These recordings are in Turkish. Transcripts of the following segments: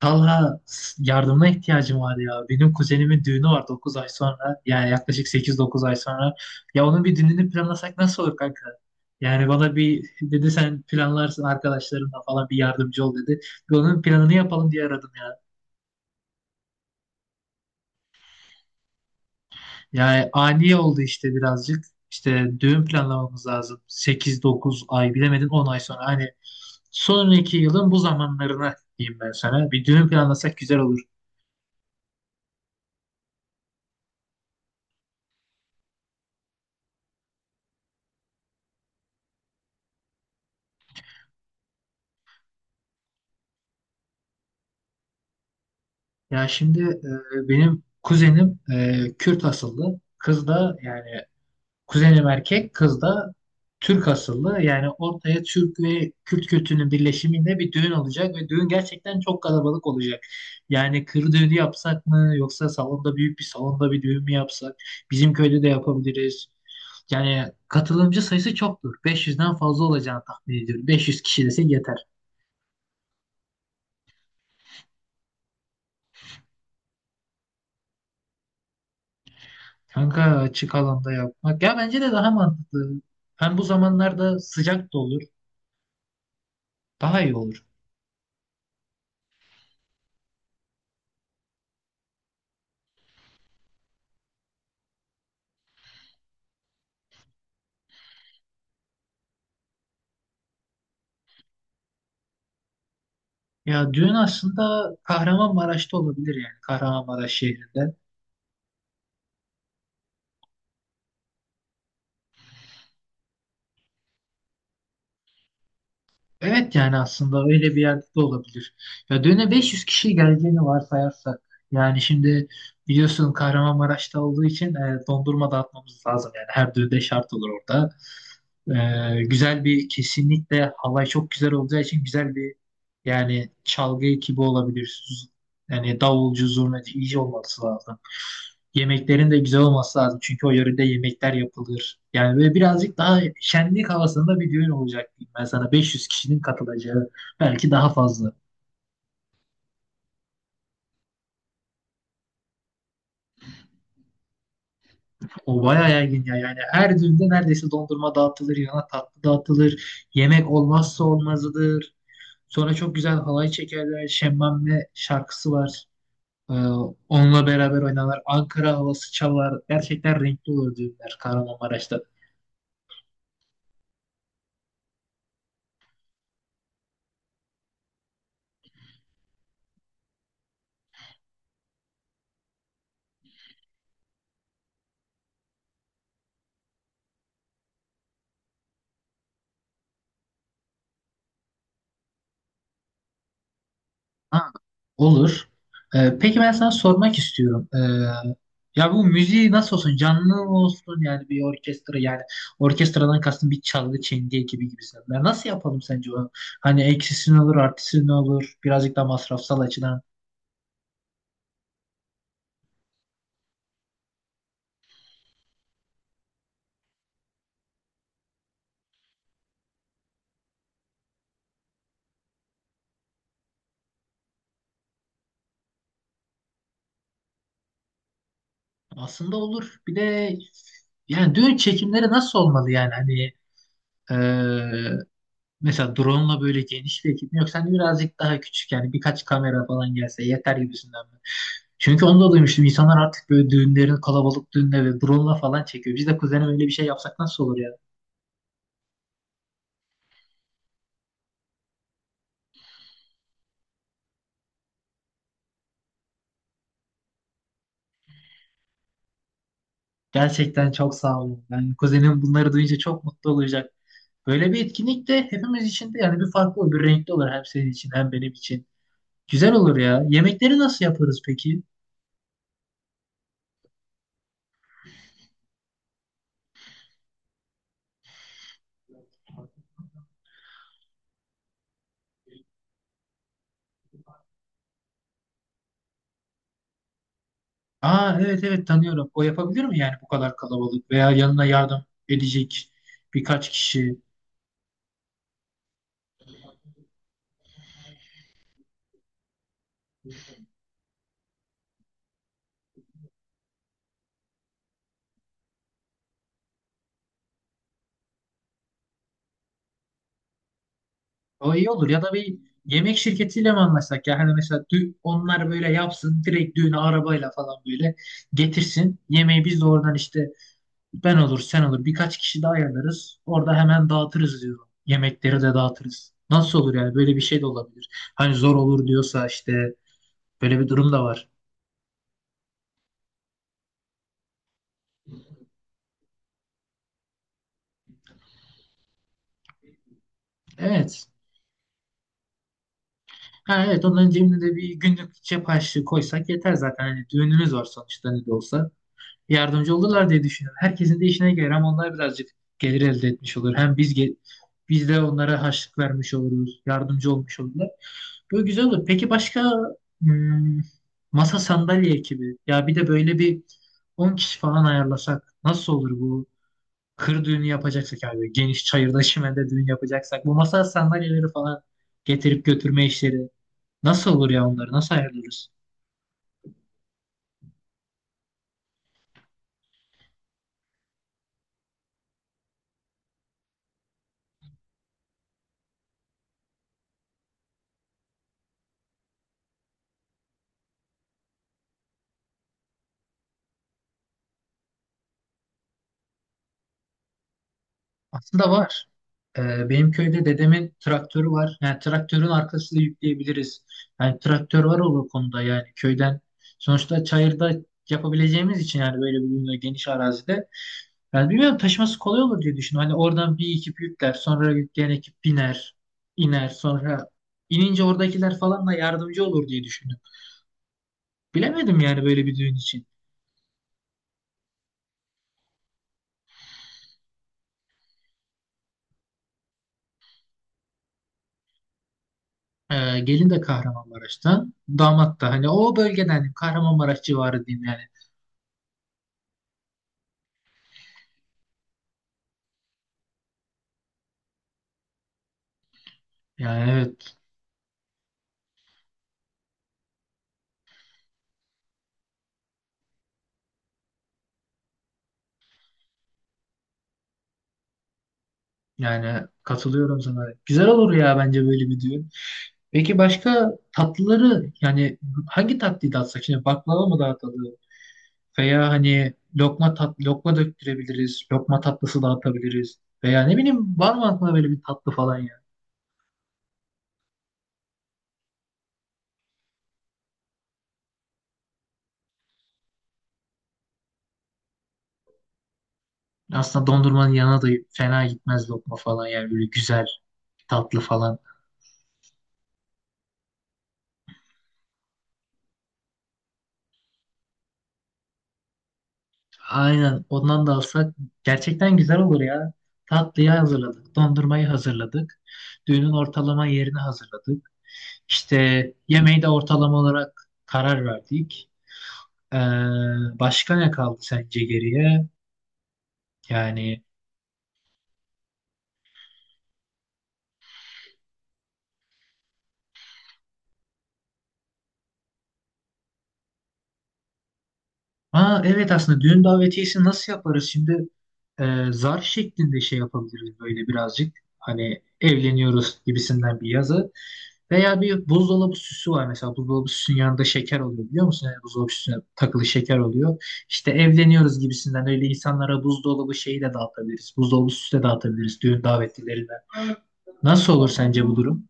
Talha yardımına ihtiyacım var ya. Benim kuzenimin düğünü var 9 ay sonra. Yani yaklaşık sekiz dokuz ay sonra. Ya onun bir düğününü planlasak nasıl olur kanka? Yani bana bir dedi sen planlarsın arkadaşlarınla falan bir yardımcı ol dedi. Bir onun planını yapalım diye aradım ya. Yani ani oldu işte birazcık. İşte düğün planlamamız lazım. Sekiz dokuz ay bilemedin 10 ay sonra. Hani sonraki yılın bu zamanlarına diyeyim ben sana. Bir düğün planlasak güzel olur. Ya şimdi benim kuzenim Kürt asıllı. Kız da yani kuzenim erkek, kız da Türk asıllı. Yani ortaya Türk ve Kürt kültürünün birleşiminde bir düğün olacak ve düğün gerçekten çok kalabalık olacak. Yani kır düğünü yapsak mı yoksa salonda büyük bir salonda bir düğün mü yapsak? Bizim köyde de yapabiliriz. Yani katılımcı sayısı çoktur. 500'den fazla olacağını tahmin ediyorum. 500 kişi desek yeter. Kanka açık alanda yapmak. Ya bence de daha mantıklı. Hem bu zamanlarda sıcak da olur. Daha iyi olur. Ya düğün aslında Kahramanmaraş'ta olabilir yani. Kahramanmaraş şehrinde. Evet yani aslında öyle bir yerde de olabilir. Ya düğüne 500 kişi geleceğini varsayarsak. Yani şimdi biliyorsun Kahramanmaraş'ta olduğu için dondurma dağıtmamız lazım. Yani her düğünde şart olur orada. Güzel bir kesinlikle hava çok güzel olacağı için güzel bir yani çalgı ekibi olabilir. Yani davulcu, zurnacı iyice olması lazım. Yemeklerin de güzel olması lazım. Çünkü o yörede yemekler yapılır. Yani böyle birazcık daha şenlik havasında bir düğün olacak diyeyim ben sana. 500 kişinin katılacağı belki daha fazla. O bayağı yaygın ya. Yani her düğünde neredeyse dondurma dağıtılır, yana tatlı dağıtılır. Yemek olmazsa olmazıdır. Sonra çok güzel halay çekerler. Şemmame şarkısı var. Ee, onunla beraber oynanır. Ankara havası çalar. Gerçekten renkli olur düğünler Kahramanmaraş'ta. Ha, olur. Peki ben sana sormak istiyorum. Ya bu müziği nasıl olsun? Canlı mı olsun? Yani bir orkestra yani orkestradan kastım bir çalgı çengi ekibi gibisinden. Nasıl yapalım sence onu? Hani eksisi ne olur, artısı ne olur? Birazcık daha masrafsal açıdan. Aslında olur. Bir de yani düğün çekimleri nasıl olmalı yani? Hani ee, Mesela drone'la böyle geniş bir ekip mi yok? Sen birazcık daha küçük yani birkaç kamera falan gelse yeter gibisinden mi? Çünkü onu da duymuştum. İnsanlar artık böyle düğünlerini kalabalık düğünle ve drone'la falan çekiyor. Biz de kuzenim öyle bir şey yapsak nasıl olur ya? Gerçekten çok sağ olun. Yani kuzenim bunları duyunca çok mutlu olacak. Böyle bir etkinlik de hepimiz için de yani bir farklı olur, bir renkli olur hem senin için hem benim için. Güzel olur ya. Yemekleri nasıl yaparız peki? Aa, evet evet tanıyorum. O yapabilir mi yani bu kadar kalabalık veya yanına yardım edecek birkaç kişi? O iyi olur ya da bir yemek şirketiyle mi anlaşsak ya? Hani mesela onlar böyle yapsın direkt düğünü arabayla falan böyle getirsin. Yemeği biz de oradan işte ben olur sen olur birkaç kişi daha ayarlarız. Orada hemen dağıtırız diyorum. Yemekleri de dağıtırız. Nasıl olur yani böyle bir şey de olabilir. Hani zor olur diyorsa işte böyle bir durum da var. Evet. Ha, evet onların cebine de bir günlük cep harçlığı koysak yeter zaten. Hani düğünümüz var sonuçta ne de olsa. Yardımcı olurlar diye düşünüyorum. Herkesin de işine gelir hem onlar birazcık gelir elde etmiş olur. Hem biz biz de onlara harçlık vermiş oluruz. Yardımcı olmuş olurlar. Böyle güzel olur. Peki başka hmm, masa sandalye ekibi. Ya bir de böyle bir 10 kişi falan ayarlasak nasıl olur bu? Kır düğünü yapacaksak abi. Geniş çayırda çimende düğün yapacaksak. Bu masa sandalyeleri falan getirip götürme işleri. Nasıl olur ya onları? Nasıl ayarlarız? Aslında var. Benim köyde dedemin traktörü var. Yani traktörün arkasını yükleyebiliriz. Yani traktör var o konuda yani köyden. Sonuçta çayırda yapabileceğimiz için yani böyle bir ürünü geniş arazide. Yani bilmiyorum taşıması kolay olur diye düşünüyorum. Hani oradan bir ekip yükler. Sonra yükleyen ekip biner. İner. Sonra inince oradakiler falan da yardımcı olur diye düşündüm. Bilemedim yani böyle bir düğün için. Gelin de Kahramanmaraş'tan. Damat da hani o bölgeden hani Kahramanmaraş civarı diyeyim yani. Yani evet. Yani katılıyorum sana. Güzel olur ya bence böyle bir düğün. Peki başka tatlıları yani hangi tatlıyı dağıtsak? Şimdi baklava mı dağıtalım? Veya hani lokma döktürebiliriz. Lokma tatlısı dağıtabiliriz. Veya ne bileyim var mı aklına böyle bir tatlı falan ya? Aslında dondurmanın yanına da fena gitmez lokma falan yani böyle güzel tatlı falan. Aynen ondan da alsak gerçekten güzel olur ya. Tatlıyı hazırladık, dondurmayı hazırladık, düğünün ortalama yerini hazırladık. İşte yemeği de ortalama olarak karar verdik. Ee, başka ne kaldı sence geriye? Yani. Aa, evet aslında düğün davetiyesi nasıl yaparız? Şimdi zarf şeklinde şey yapabiliriz böyle birazcık. Hani evleniyoruz gibisinden bir yazı. Veya bir buzdolabı süsü var mesela. Buzdolabı süsünün yanında şeker oluyor biliyor musun? Yani buzdolabı süsüne takılı şeker oluyor. İşte evleniyoruz gibisinden öyle insanlara buzdolabı şeyi de dağıtabiliriz. Buzdolabı süsü de dağıtabiliriz düğün davetlilerine. Nasıl olur sence bu durum?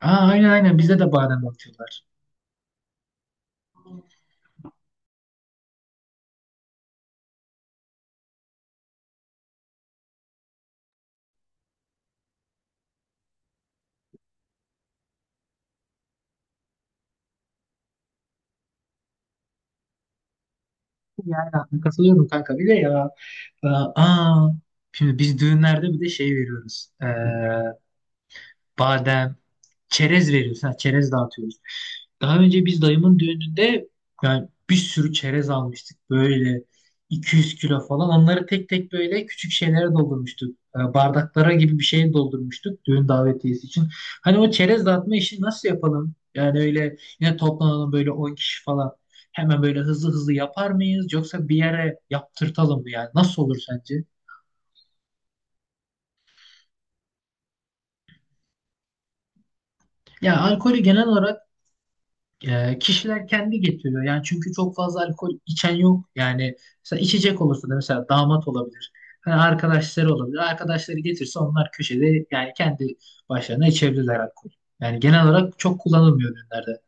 Aa, aynen aynen bizde de badem dağıtıyorlar. Yani katılıyorum kanka bir de ya. e, Aa, şimdi biz düğünlerde bir de şey veriyoruz. Badem, çerez veriyoruz. Ha, çerez dağıtıyoruz. Daha önce biz dayımın düğününde yani bir sürü çerez almıştık. Böyle 200 kilo falan. Onları tek tek böyle küçük şeylere doldurmuştuk. Bardaklara gibi bir şeye doldurmuştuk düğün davetiyesi için. Hani o çerez dağıtma işini nasıl yapalım? Yani öyle yine toplanalım böyle 10 kişi falan. Hemen böyle hızlı hızlı yapar mıyız? Yoksa bir yere yaptırtalım mı yani? Nasıl olur sence? Ya alkolü genel olarak kişiler kendi getiriyor. Yani çünkü çok fazla alkol içen yok. Yani mesela içecek olursa da mesela damat olabilir. Hani arkadaşları olabilir. Arkadaşları getirse onlar köşede yani kendi başlarına içebilirler alkol. Yani genel olarak çok kullanılmıyor düğünlerde.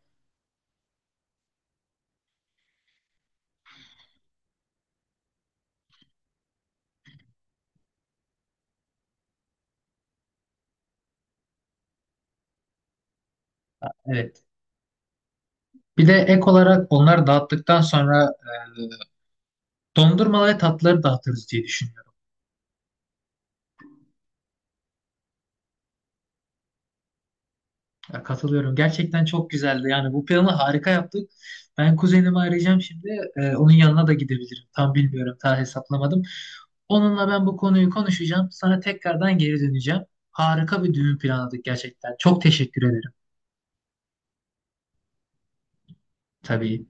Evet. Bir de ek olarak onları dağıttıktan sonra dondurma ve tatlıları dağıtırız diye düşünüyorum. Ya katılıyorum. Gerçekten çok güzeldi. Yani bu planı harika yaptık. Ben kuzenimi arayacağım şimdi. Onun yanına da gidebilirim. Tam bilmiyorum. Daha hesaplamadım. Onunla ben bu konuyu konuşacağım. Sana tekrardan geri döneceğim. Harika bir düğün planladık gerçekten. Çok teşekkür ederim. Tabii.